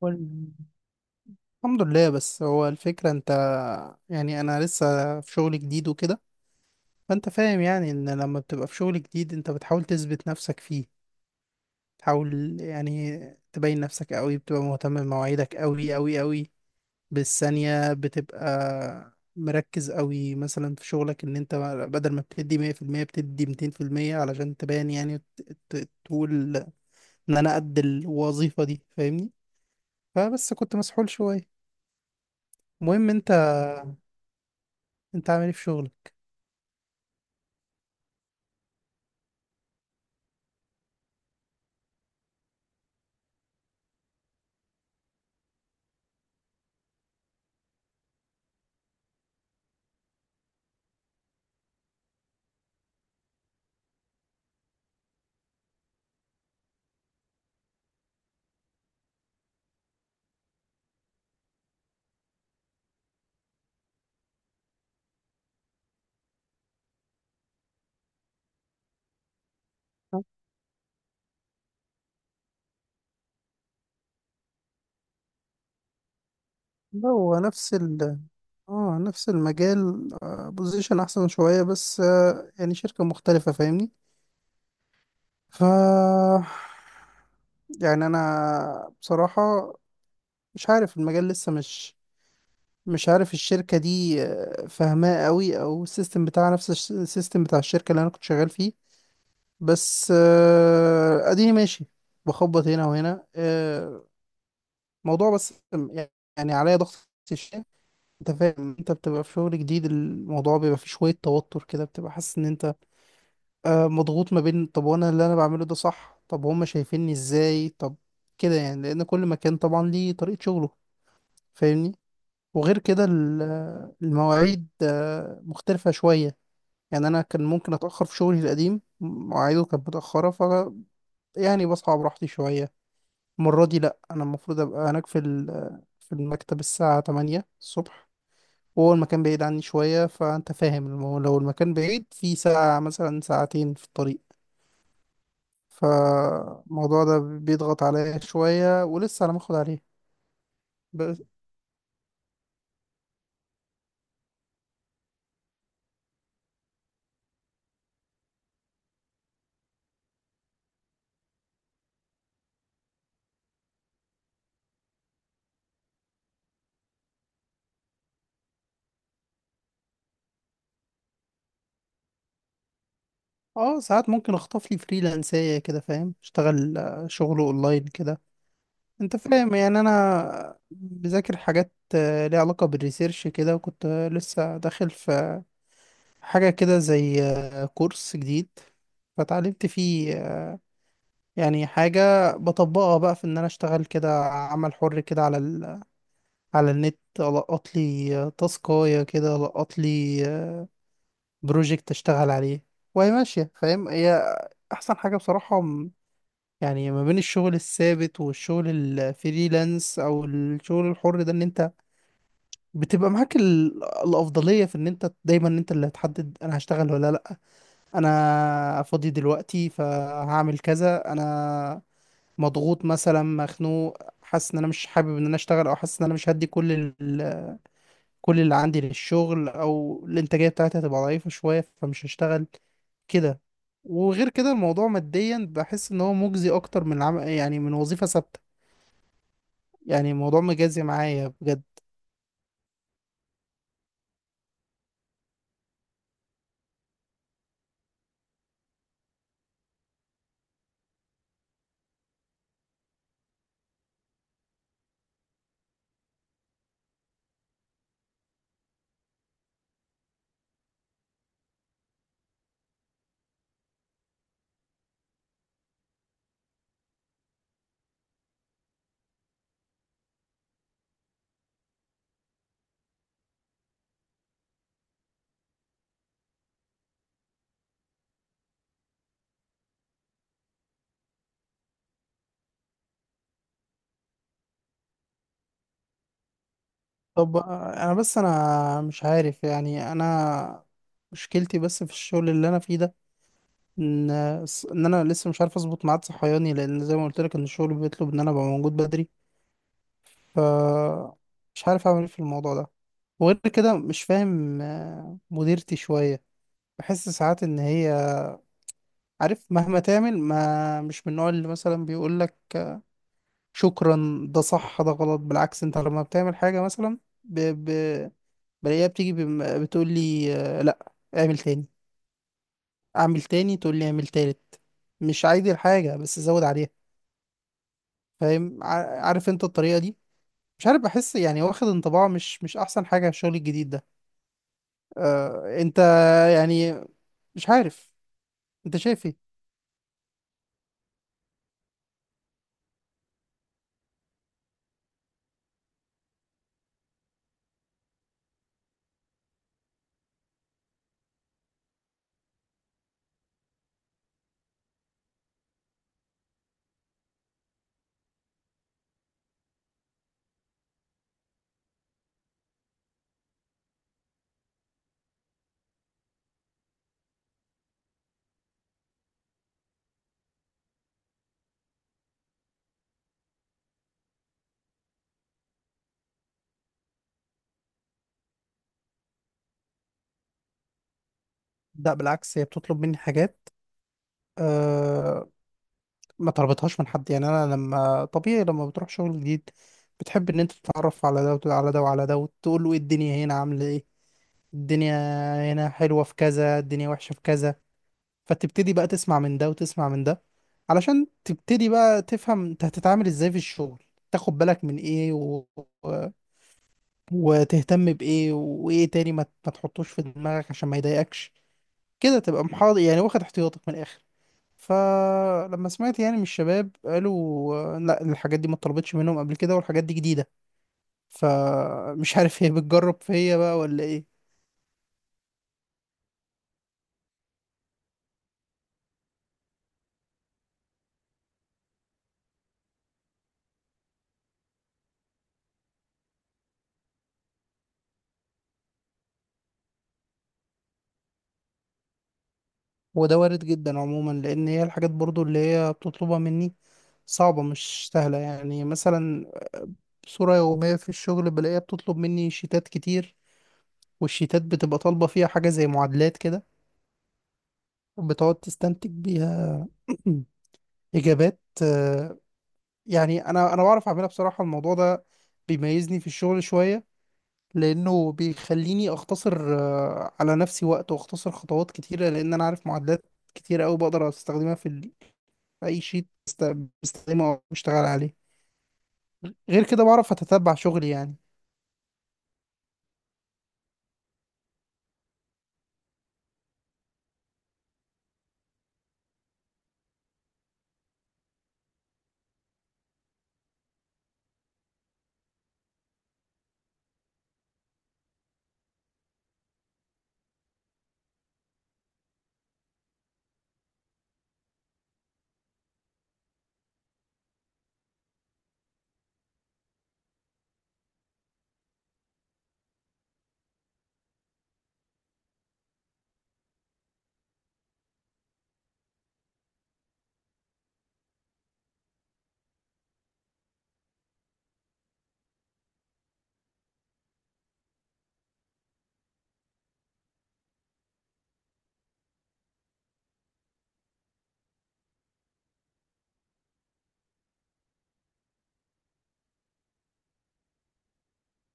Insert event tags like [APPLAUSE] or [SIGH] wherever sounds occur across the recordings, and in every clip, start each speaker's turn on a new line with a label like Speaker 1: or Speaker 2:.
Speaker 1: وال- الحمد لله. بس هو الفكرة انت، يعني انا لسه في شغل جديد وكده. فانت فاهم يعني ان لما بتبقى في شغل جديد انت بتحاول تثبت نفسك فيه، تحاول يعني تبين نفسك قوي، بتبقى مهتم بمواعيدك قوي قوي قوي بالثانية، بتبقى مركز قوي مثلا في شغلك، ان انت بدل ما بتدي 100% بتدي 200% علشان تبان يعني تقول ان انا قد الوظيفة دي، فاهمني؟ فبس كنت مسحول شوية. المهم انت عامل ايه في شغلك؟ لا، هو نفس ال، اه نفس المجال، بوزيشن احسن شوية بس. يعني شركة مختلفة، فاهمني؟ ف يعني انا بصراحة مش عارف المجال لسه، مش عارف الشركة دي فاهماه قوي، او السيستم بتاعها نفس السيستم بتاع الشركة اللي انا كنت شغال فيه. بس اديني ماشي، بخبط هنا وهنا. موضوع بس يعني عليا ضغط. انت فاهم، انت بتبقى في شغل جديد، الموضوع بيبقى فيه شوية توتر كده، بتبقى حاسس ان انت مضغوط ما بين: طب وانا اللي انا بعمله ده صح؟ طب هما شايفيني ازاي؟ طب كده يعني، لان كل مكان طبعا ليه طريقة شغله، فاهمني؟ وغير كده المواعيد مختلفة شوية. يعني انا كان ممكن اتأخر في شغلي القديم، مواعيده كانت متأخرة، ف يعني بصحى براحتي شوية. المرة دي لأ، انا المفروض ابقى هناك في في المكتب الساعة 8 الصبح، وهو المكان بعيد عني شوية. فأنت فاهم لو المكان بعيد في ساعة مثلا ساعتين في الطريق، فالموضوع ده بيضغط عليا شوية، ولسه على ما اخد عليه بس. اه، ساعات ممكن اخطف لي فريلانسية كده، فاهم؟ اشتغل شغل اونلاين كده. انت فاهم، يعني انا بذاكر حاجات ليها علاقة بالريسيرش كده، وكنت لسه داخل في حاجة كده زي كورس جديد، فتعلمت فيه يعني حاجة بطبقها بقى، في ان انا اشتغل كده عمل حر كده على ال، على النت. القط لي تاسكاية كده، القط لي بروجكت اشتغل عليه وهي ماشية، فاهم؟ هي احسن حاجة بصراحة. يعني ما بين الشغل الثابت والشغل الفريلانس او الشغل الحر ده، ان انت بتبقى معاك ال، الافضلية في ان انت دايما انت اللي هتحدد: انا هشتغل ولا لا. انا فاضي دلوقتي فهعمل كذا، انا مضغوط مثلا مخنوق، حاسس ان انا مش حابب ان انا اشتغل، او حاسس ان انا مش هدي كل ال، كل اللي عندي للشغل، او الانتاجيه بتاعتي هتبقى ضعيفه شويه فمش هشتغل كده. وغير كده الموضوع ماديا بحس ان هو مجزي اكتر من يعني من وظيفه ثابته. يعني الموضوع مجازي معايا بجد. طب انا بس انا مش عارف يعني. انا مشكلتي بس في الشغل اللي انا فيه ده، ان ان انا لسه مش عارف اظبط ميعاد صحياني، لان زي ما قلت لك ان الشغل بيطلب ان انا ابقى موجود بدري، ف مش عارف اعمل ايه في الموضوع ده. وغير كده مش فاهم مديرتي شويه. بحس ساعات ان هي، عارف؟ مهما تعمل، ما مش من النوع اللي مثلا بيقول لك شكرا، ده صح، ده غلط. بالعكس، انت لما بتعمل حاجه مثلا ب... ب... بلاقيها بتيجي بتقول لي، لا اعمل تاني، اعمل تاني، تقول لي اعمل تالت. مش عادي الحاجه بس زود عليها، فاهم؟ عارف انت الطريقة دي؟ مش عارف، بحس يعني واخد انطباع مش احسن حاجة على الشغل الجديد ده. آه انت يعني، مش عارف، انت شايف ايه؟ لا بالعكس، هي بتطلب مني حاجات آه ما طلبتهاش من حد. يعني انا، لما طبيعي لما بتروح شغل جديد، بتحب ان انت تتعرف على ده وتقول على ده وعلى ده، وتقول له ايه الدنيا هنا عاملة ايه، الدنيا هنا حلوة في كذا، الدنيا وحشة في كذا. فتبتدي بقى تسمع من ده وتسمع من ده، علشان تبتدي بقى تفهم انت هتتعامل ازاي في الشغل، تاخد بالك من ايه و- وتهتم بايه، وايه تاني ما تحطوش في دماغك عشان ما يضايقكش كده، تبقى محاضر يعني، واخد احتياطك من الاخر. فلما سمعت يعني من الشباب، قالوا لا، الحاجات دي ما اتطلبتش منهم قبل كده، والحاجات دي جديدة. فمش عارف هي بتجرب فيا بقى ولا ايه. وده وارد جدا عموما، لان هي الحاجات برضو اللي هي بتطلبها مني صعبة، مش سهلة. يعني مثلا صورة يومية في الشغل، بلاقيها بتطلب مني شيتات كتير، والشيتات بتبقى طالبة فيها حاجة زي معادلات كده، بتقعد تستنتج بيها [CLEARS THROAT] إجابات. يعني أنا بعرف أعملها بصراحة. الموضوع ده بيميزني في الشغل شوية، لأنه بيخليني أختصر على نفسي وقت، وأختصر خطوات كتيرة، لأن أنا عارف معادلات كتير أوي بقدر أستخدمها في في أي شيت بستخدمه أو بشتغل عليه. غير كده بعرف أتتبع شغلي يعني.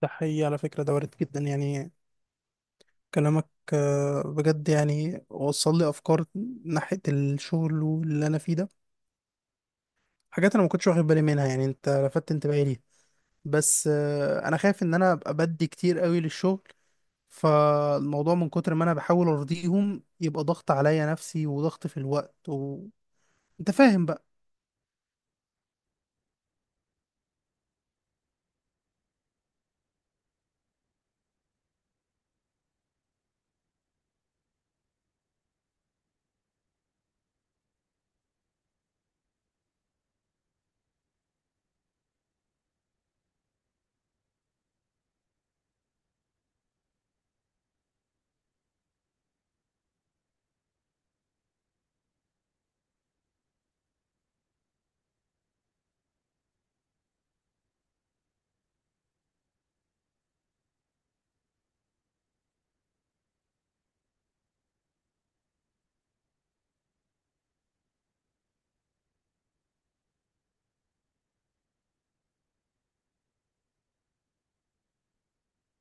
Speaker 1: ده حقيقي على فكرة، ده وارد جدا يعني كلامك. بجد يعني وصل لي أفكار ناحية الشغل واللي أنا فيه ده، حاجات أنا ما كنتش واخد بالي منها. يعني أنت لفتت انتباهي ليها. بس أنا خايف إن أنا أبقى بدي كتير قوي للشغل، فالموضوع من كتر ما أنا بحاول أرضيهم، يبقى ضغط عليا نفسي وضغط في الوقت، وأنت فاهم بقى.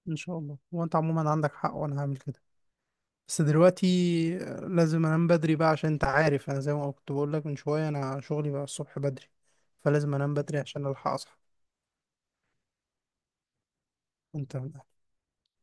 Speaker 1: إن شاء الله. وأنت عموما عندك حق، وأنا هعمل كده. بس دلوقتي لازم انام بدري بقى، عشان انت عارف، انا زي ما كنت بقول لك من شويه، انا شغلي بقى الصبح بدري، فلازم انام بدري عشان الحق اصحى. انت